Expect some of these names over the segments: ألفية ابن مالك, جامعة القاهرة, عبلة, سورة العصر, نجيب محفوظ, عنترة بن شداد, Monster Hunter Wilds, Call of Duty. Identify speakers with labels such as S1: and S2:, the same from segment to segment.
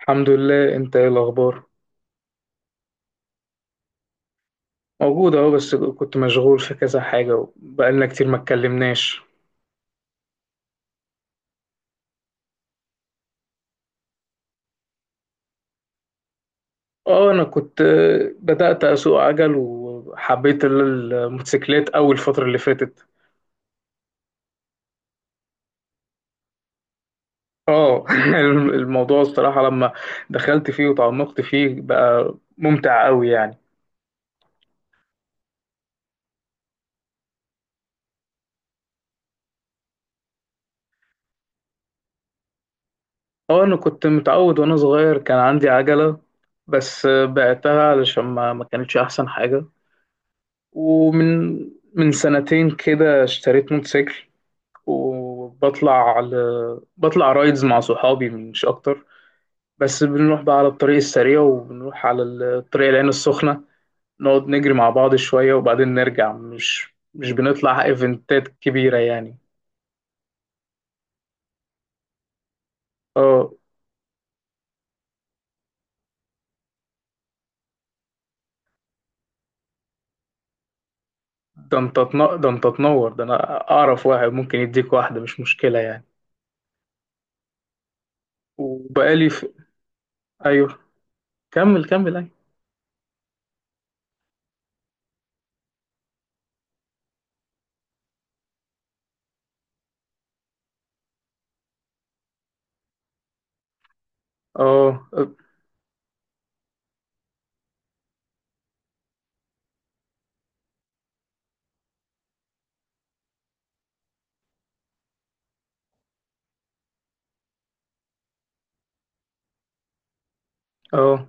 S1: الحمد لله. انت ايه الاخبار؟ موجود اهو، بس كنت مشغول في كذا حاجه وبقالنا كتير ما اتكلمناش. اه انا كنت بدات اسوق عجل وحبيت الموتوسيكلات اول الفتره اللي فاتت. اه الموضوع الصراحه لما دخلت فيه وتعمقت فيه بقى ممتع قوي يعني. اه انا كنت متعود وانا صغير كان عندي عجله، بس بعتها علشان ما كانتش احسن حاجه. ومن من سنتين كده اشتريت موتوسيكل. وبطلع على بطلع رايدز مع صحابي مش اكتر. بس بنروح بقى على الطريق السريع وبنروح على الطريق العين السخنة، نقعد نجري مع بعض شوية وبعدين نرجع. مش بنطلع ايفنتات كبيرة يعني. اه. ده انت تنور، ده انا اعرف واحد ممكن يديك واحدة، مش مشكلة يعني. وبقالي في... ايوه، كمل، ايوه. اه اه. آه.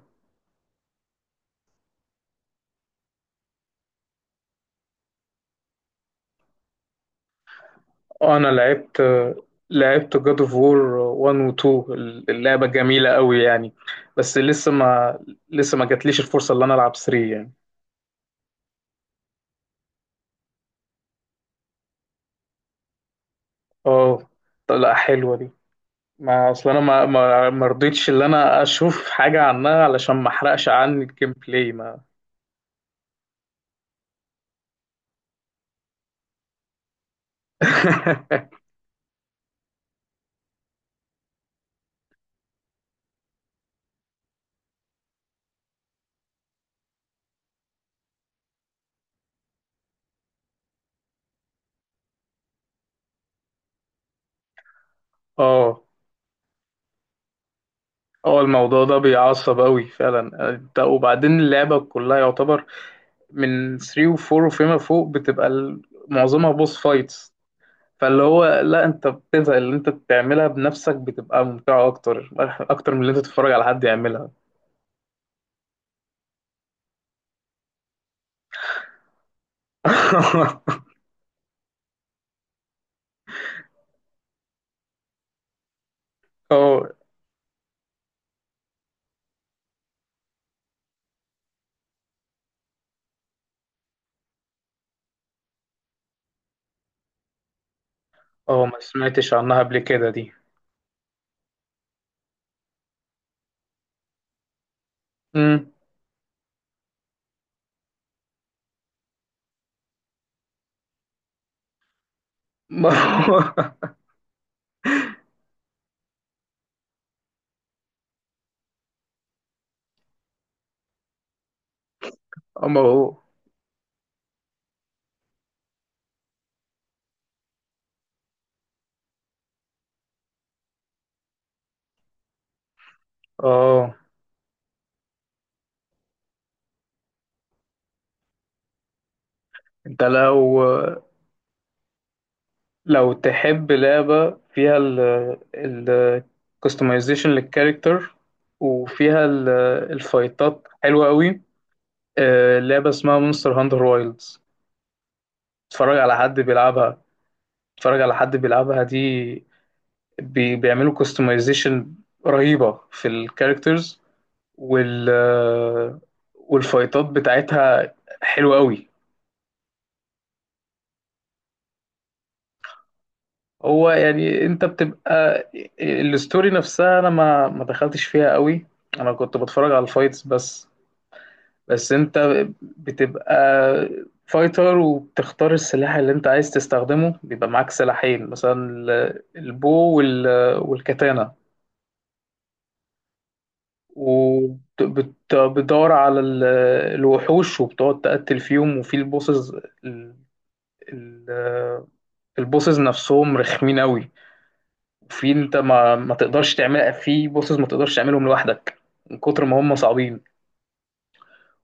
S1: انا لعبت، جاد اوف وور 1 و 2. اللعبه جميله قوي يعني. بس لسه ما جاتليش الفرصه اللي انا العب 3 يعني. اه طب لا، حلوه دي. ما اصل انا ما رضيتش ان انا اشوف حاجه عنها علشان ما احرقش عني الجيم بلاي ما. اه اه. الموضوع ده بيعصب قوي فعلا انت. وبعدين اللعبه كلها يعتبر من 3 و 4 وفيما فوق بتبقى معظمها بوس فايتس. فاللي هو لا، انت بتزهق. اللي انت بتعملها بنفسك بتبقى ممتعة اكتر، اكتر من اللي انت تتفرج على حد يعملها. اه اه. ما سمعتش عنها قبل كده دي. امم. ما هو ما هو اه. انت لو تحب لعبة فيها ال ال customization للكاركتر، وفيها الفايتات حلوة قوي. لعبة اسمها مونستر هانتر وايلدز. اتفرج على حد بيلعبها. اتفرج على حد بيلعبها دي. بيعملوا كاستمايزيشن رهيبة في الكاركترز، وال والفايتات بتاعتها حلوة قوي. هو يعني انت بتبقى، الستوري نفسها انا ما دخلتش فيها قوي. انا كنت بتفرج على الفايتس بس. بس انت بتبقى فايتر، وبتختار السلاح اللي انت عايز تستخدمه. بيبقى معاك سلاحين، مثلا البو والكاتانا. وبتدور على الوحوش وبتقعد تقتل فيهم وفي البوسز. ال- ال- البوسز نفسهم رخمين قوي. وفي انت ما تقدرش تعمل، في بوسز ما تقدرش تعملهم لوحدك من كتر ما هم صعبين.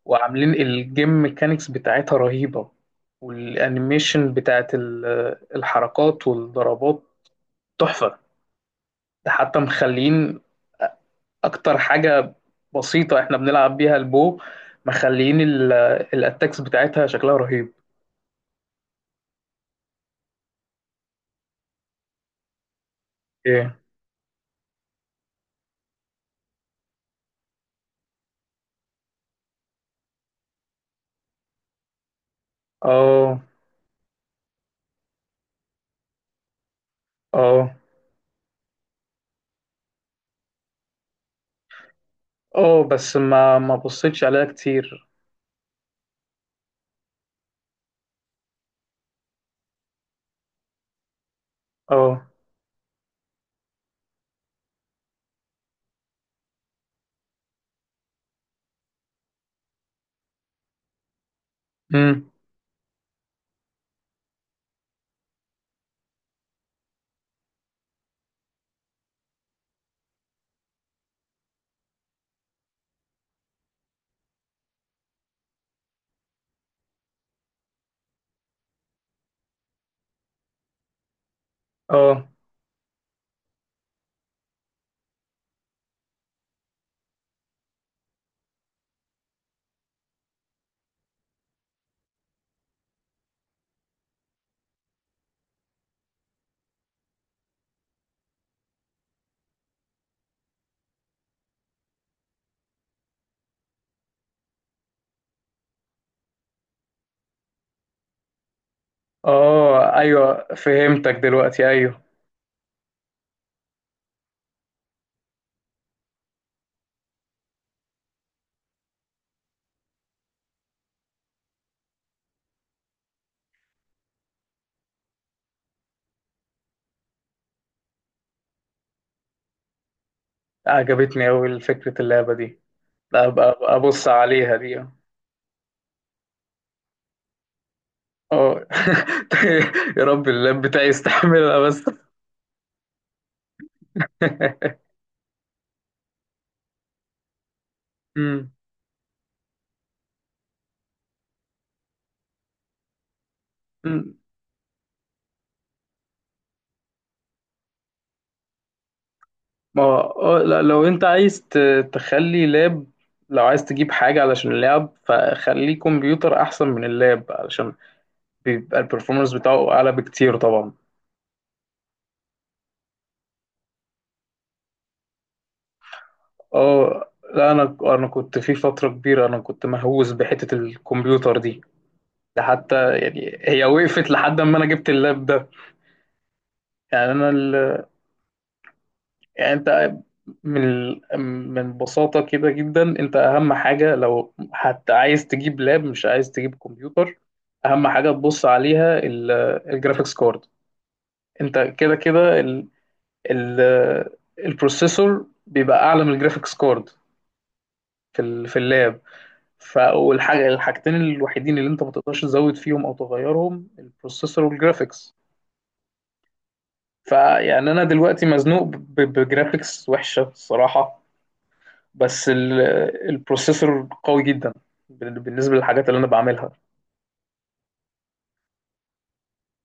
S1: وعاملين الجيم ميكانيكس بتاعتها رهيبة، والانيميشن بتاعت الحركات والضربات تحفة. ده حتى مخلين اكتر حاجه بسيطه احنا بنلعب بيها البو، مخليين الاتاكس بتاعتها شكلها رهيب. ايه. اه اه. اه بس ما بصيتش عليها كتير. اه. امم. اه اه، ايوه فهمتك دلوقتي، ايوه. عجبتني اوي فكره اللعبه دي. لا، ابقى ابص عليها دي، اه. يا رب اللاب بتاعي يستحملها بس. امم. ما هو لا، لو انت عايز تخلي لاب، لو عايز تجيب حاجة علشان اللاب فخليه كمبيوتر أحسن من اللاب، علشان بيبقى البرفورمانس بتاعه أعلى بكتير طبعا. اه لا، أنا كنت في فترة كبيرة، أنا كنت مهووس بحتة الكمبيوتر دي. ده حتى يعني هي وقفت لحد ما أنا جبت اللاب ده. يعني أنا، يعني انت، من من بساطة كده جدا، انت اهم حاجة لو حتى عايز تجيب لاب مش عايز تجيب كمبيوتر، اهم حاجة تبص عليها الجرافيكس كارد. انت كده كده ال- البروسيسور بيبقى اعلى من الجرافيكس كارد في في اللاب. والحاجة، الحاجتين الوحيدين اللي انت ما تقدرش تزود فيهم او تغيرهم البروسيسور والجرافيكس. فيعني انا دلوقتي مزنوق بجرافيكس وحشة الصراحة، بس البروسيسور قوي جدا بالنسبة للحاجات اللي أنا بعملها.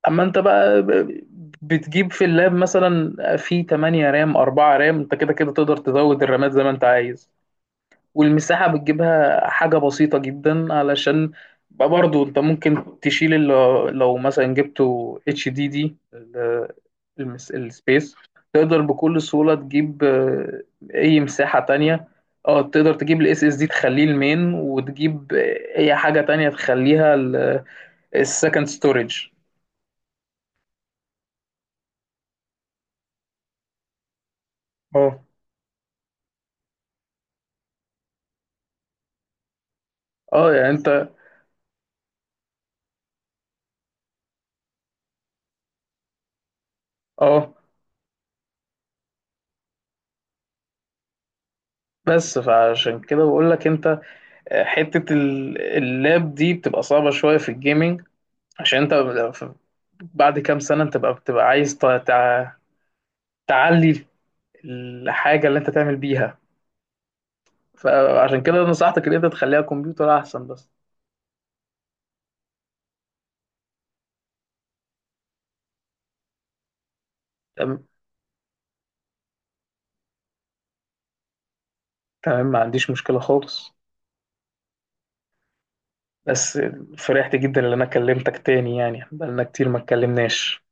S1: أما أنت بقى بتجيب في اللاب مثلا في 8 رام، 4 رام، أنت كده كده تقدر تزود الرامات زي ما أنت عايز. والمساحة بتجيبها حاجة بسيطة جدا، علشان بقى برضو انت ممكن تشيل، اللي لو مثلا جبته اتش دي دي، السبيس تقدر بكل سهولة تجيب اي مساحة تانية. اه، تقدر تجيب الاس اس دي تخليه المين، وتجيب اي حاجة تانية تخليها السكند ستورج. اه اه، يعني انت. اه بس فعشان كده بقول لك انت حتة اللاب دي بتبقى صعبة شوية في الجيمنج، عشان انت ف- بعد كام سنة انت بقى بتبقى عايز تعلي الحاجة اللي انت تعمل بيها. فعشان كده نصحتك ان انت تخليها كمبيوتر احسن بس. تمام، تمام ما عنديش مشكلة خالص. بس فرحت جدا ان انا كلمتك تاني، يعني بقالنا كتير ما اتكلمناش.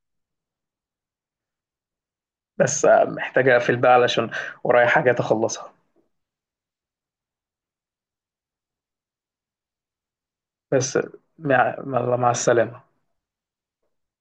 S1: بس محتاج اقفل بقى علشان ورايا حاجات اخلصها. بس مع السلامة.